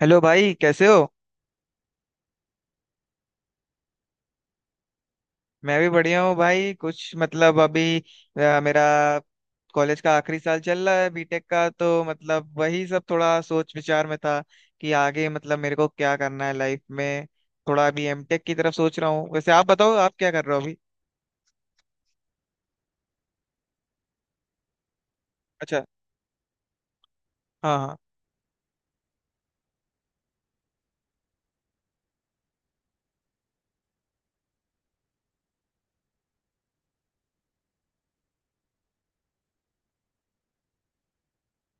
Hello भाई, कैसे हो? मैं भी बढ़िया हूँ भाई। कुछ मतलब अभी मेरा कॉलेज का आखिरी साल चल रहा है बीटेक का। तो मतलब वही सब थोड़ा सोच विचार में था कि आगे मतलब मेरे को क्या करना है लाइफ में। थोड़ा अभी एमटेक की तरफ सोच रहा हूँ। वैसे आप बताओ आप क्या कर रहे हो अभी? अच्छा। हाँ हाँ।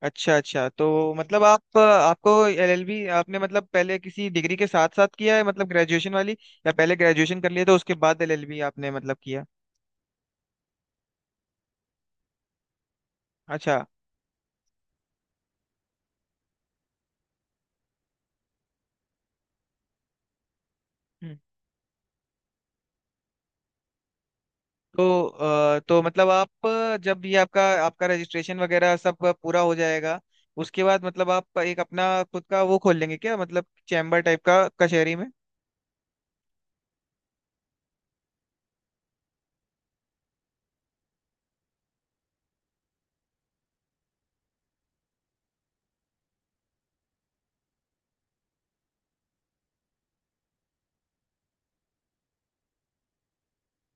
अच्छा अच्छा, तो मतलब आप आपको एलएलबी आपने मतलब पहले किसी डिग्री के साथ साथ किया है, मतलब ग्रेजुएशन वाली? या पहले ग्रेजुएशन कर लिया तो उसके बाद एलएलबी आपने मतलब किया? अच्छा। तो तो मतलब आप जब ये आपका आपका रजिस्ट्रेशन वगैरह सब पूरा हो जाएगा उसके बाद मतलब आप एक अपना खुद का वो खोल लेंगे क्या, मतलब चैम्बर टाइप का कचहरी में?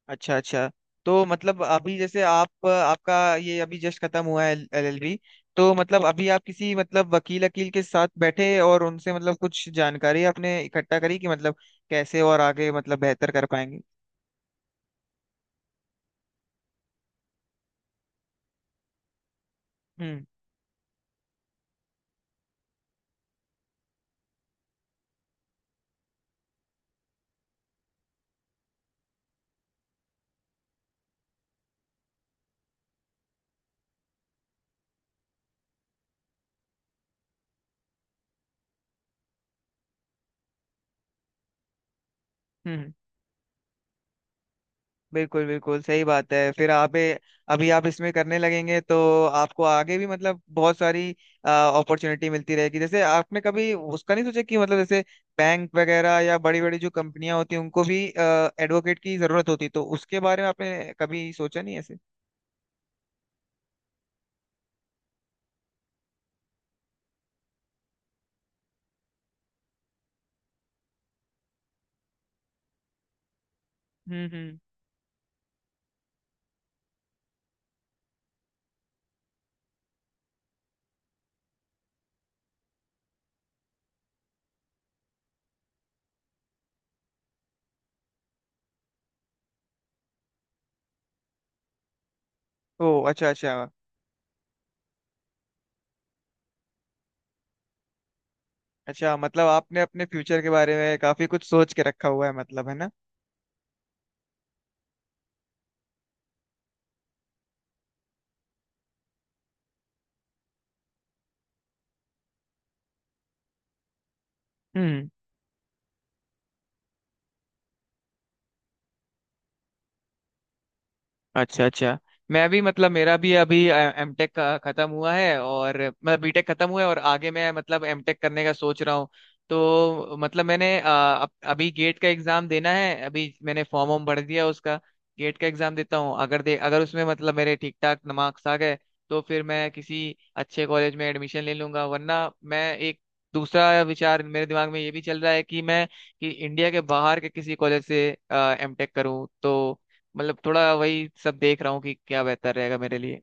अच्छा अच्छा। तो मतलब अभी जैसे आप आपका ये अभी जस्ट खत्म हुआ है एलएलबी। तो मतलब अभी आप किसी मतलब वकील वकील के साथ बैठे और उनसे मतलब कुछ जानकारी आपने इकट्ठा करी कि मतलब कैसे और आगे मतलब बेहतर कर पाएंगे? हम्म हम्म। बिल्कुल बिल्कुल सही बात है। फिर अभी आप इसमें करने लगेंगे तो आपको आगे भी मतलब बहुत सारी अपॉर्चुनिटी मिलती रहेगी। जैसे आपने कभी उसका नहीं सोचा कि मतलब जैसे बैंक वगैरह या बड़ी बड़ी जो कंपनियां होती हैं उनको भी एडवोकेट की जरूरत होती, तो उसके बारे में आपने कभी सोचा नहीं ऐसे? हम्म। ओ अच्छा अच्छा। अच्छा, मतलब आपने अपने फ्यूचर के बारे में काफी कुछ सोच के रखा हुआ है, मतलब है ना? हम्म। अच्छा अच्छा। मैं भी मतलब मेरा भी अभी एम टेक का खत्म हुआ है, और मतलब बीटेक खत्म हुआ है, और आगे मैं मतलब एम टेक करने का सोच रहा हूँ। तो मतलब मैंने अभी गेट का एग्जाम देना है। अभी मैंने फॉर्म वॉर्म भर दिया उसका। गेट का एग्जाम देता हूँ। अगर उसमें मतलब मेरे ठीक ठाक मार्क्स आ गए तो फिर मैं किसी अच्छे कॉलेज में एडमिशन ले लूंगा, वरना मैं एक दूसरा विचार मेरे दिमाग में ये भी चल रहा है कि इंडिया के बाहर के किसी कॉलेज से एम टेक करूँ। तो मतलब थोड़ा वही सब देख रहा हूँ कि क्या बेहतर रहेगा मेरे लिए।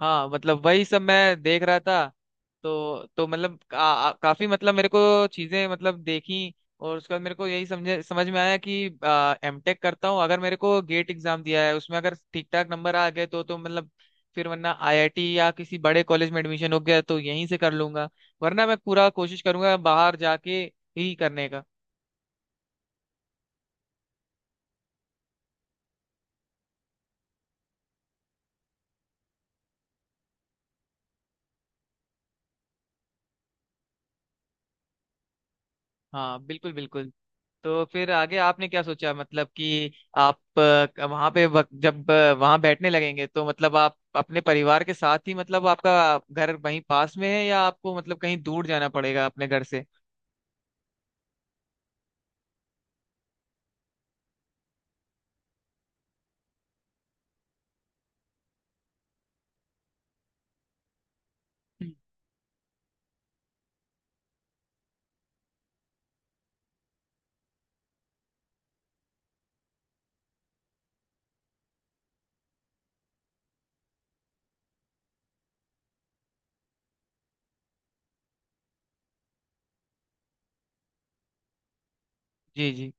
हाँ मतलब वही सब मैं देख रहा था। तो मतलब काफी मतलब मेरे को चीजें मतलब देखी। और उसके बाद मेरे को यही समझ में आया कि एमटेक करता हूँ। अगर मेरे को गेट एग्जाम दिया है उसमें अगर ठीक ठाक नंबर आ गए तो मतलब फिर, वरना आईआईटी या किसी बड़े कॉलेज में एडमिशन हो गया तो यहीं से कर लूंगा, वरना मैं पूरा कोशिश करूंगा बाहर जाके ही करने का। हाँ, बिल्कुल बिल्कुल। तो फिर आगे आपने क्या सोचा मतलब कि आप जब वहां बैठने लगेंगे तो मतलब आप अपने परिवार के साथ ही, मतलब आपका घर वहीं पास में है, या आपको मतलब कहीं दूर जाना पड़ेगा अपने घर से? हम्म। जी जी।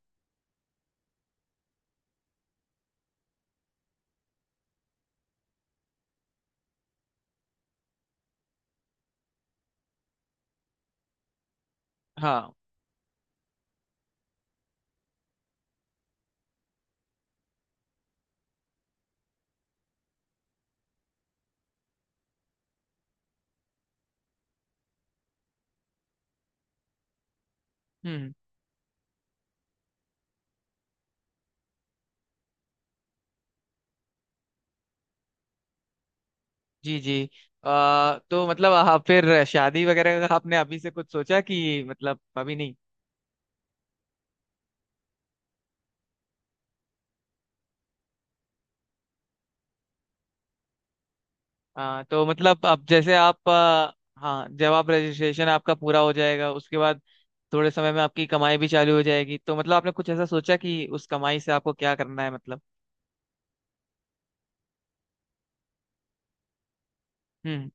हाँ। हम्म। जी जी। तो मतलब आप फिर शादी वगैरह का आपने अभी से कुछ सोचा कि मतलब अभी नहीं? हाँ, तो मतलब अब जैसे आप। हाँ, जब आप रजिस्ट्रेशन आपका पूरा हो जाएगा उसके बाद थोड़े समय में आपकी कमाई भी चालू हो जाएगी, तो मतलब आपने कुछ ऐसा सोचा कि उस कमाई से आपको क्या करना है मतलब? हम्म।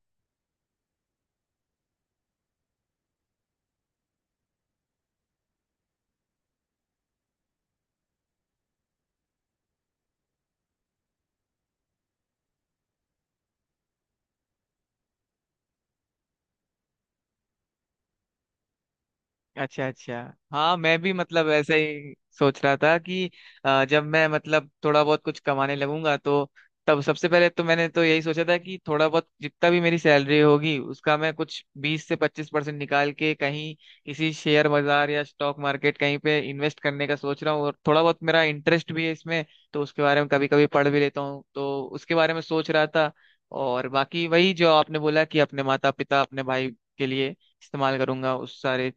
अच्छा अच्छा। हाँ, मैं भी मतलब ऐसे ही सोच रहा था कि जब मैं मतलब थोड़ा बहुत कुछ कमाने लगूंगा तो तब सबसे पहले तो मैंने तो यही सोचा था कि थोड़ा बहुत जितना भी मेरी सैलरी होगी, उसका मैं कुछ 20 से 25% निकाल के कहीं किसी शेयर बाजार या स्टॉक मार्केट कहीं पे इन्वेस्ट करने का सोच रहा हूँ, और थोड़ा बहुत मेरा इंटरेस्ट भी है इसमें। तो उसके बारे में कभी कभी पढ़ भी लेता हूँ, तो उसके बारे में सोच रहा था। और बाकी वही जो आपने बोला कि अपने माता पिता अपने भाई के लिए इस्तेमाल करूंगा उस सारे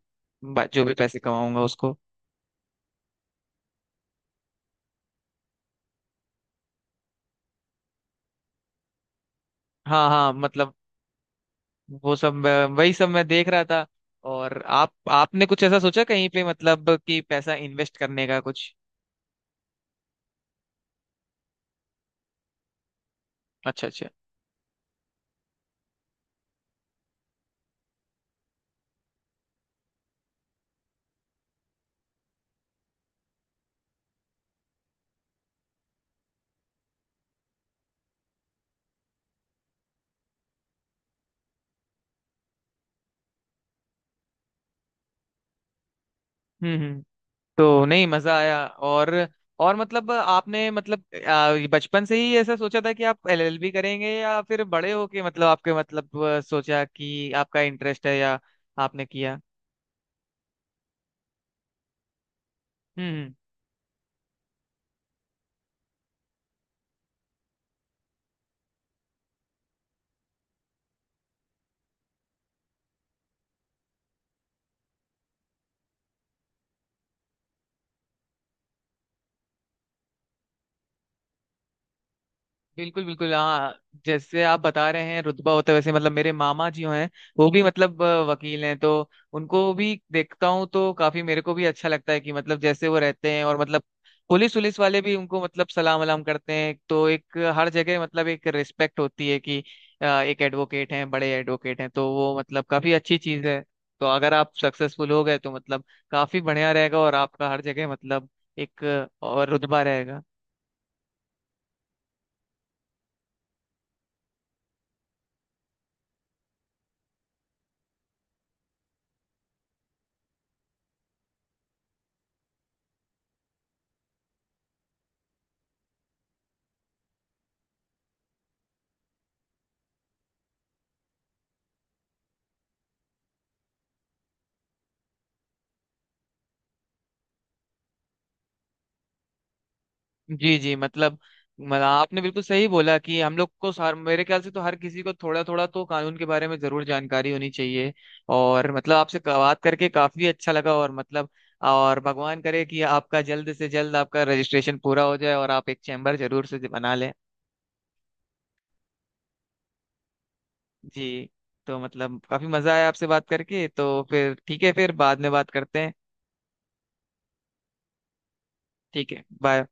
जो भी पैसे कमाऊंगा उसको। हाँ हाँ, मतलब वही सब मैं देख रहा था। और आप आपने कुछ ऐसा सोचा कहीं पे मतलब कि पैसा इन्वेस्ट करने का कुछ? अच्छा अच्छा। हम्म हम्म। तो नहीं मजा आया। और मतलब आपने मतलब बचपन से ही ऐसा सोचा था कि आप एलएलबी करेंगे, या फिर बड़े होके मतलब आपके मतलब सोचा कि आपका इंटरेस्ट है, या आपने किया? हम्म हम्म। बिल्कुल बिल्कुल। हाँ, जैसे आप बता रहे हैं रुतबा होता है, वैसे मतलब मेरे मामा जी हैं। वो भी मतलब वकील हैं, तो उनको भी देखता हूँ तो काफी मेरे को भी अच्छा लगता है कि मतलब जैसे वो रहते हैं, और मतलब पुलिस पुलिस वाले भी उनको मतलब सलाम वलाम करते हैं, तो एक हर जगह मतलब एक रिस्पेक्ट होती है कि एक एडवोकेट हैं बड़े एडवोकेट हैं, तो वो मतलब काफी अच्छी चीज है। तो अगर आप सक्सेसफुल हो गए तो मतलब काफी बढ़िया रहेगा और आपका हर जगह मतलब एक और रुतबा रहेगा। जी जी, मतलब आपने बिल्कुल सही बोला कि हम लोग को सार मेरे ख्याल से तो हर किसी को थोड़ा थोड़ा तो कानून के बारे में जरूर जानकारी होनी चाहिए। और मतलब आपसे बात करके काफी अच्छा लगा, और मतलब और भगवान करे कि आपका जल्द से जल्द आपका रजिस्ट्रेशन पूरा हो जाए, और आप एक चैम्बर जरूर से बना लें। जी। तो मतलब काफी मजा आया आपसे बात करके। तो फिर ठीक है, फिर बाद में बात करते हैं। ठीक है, बाय।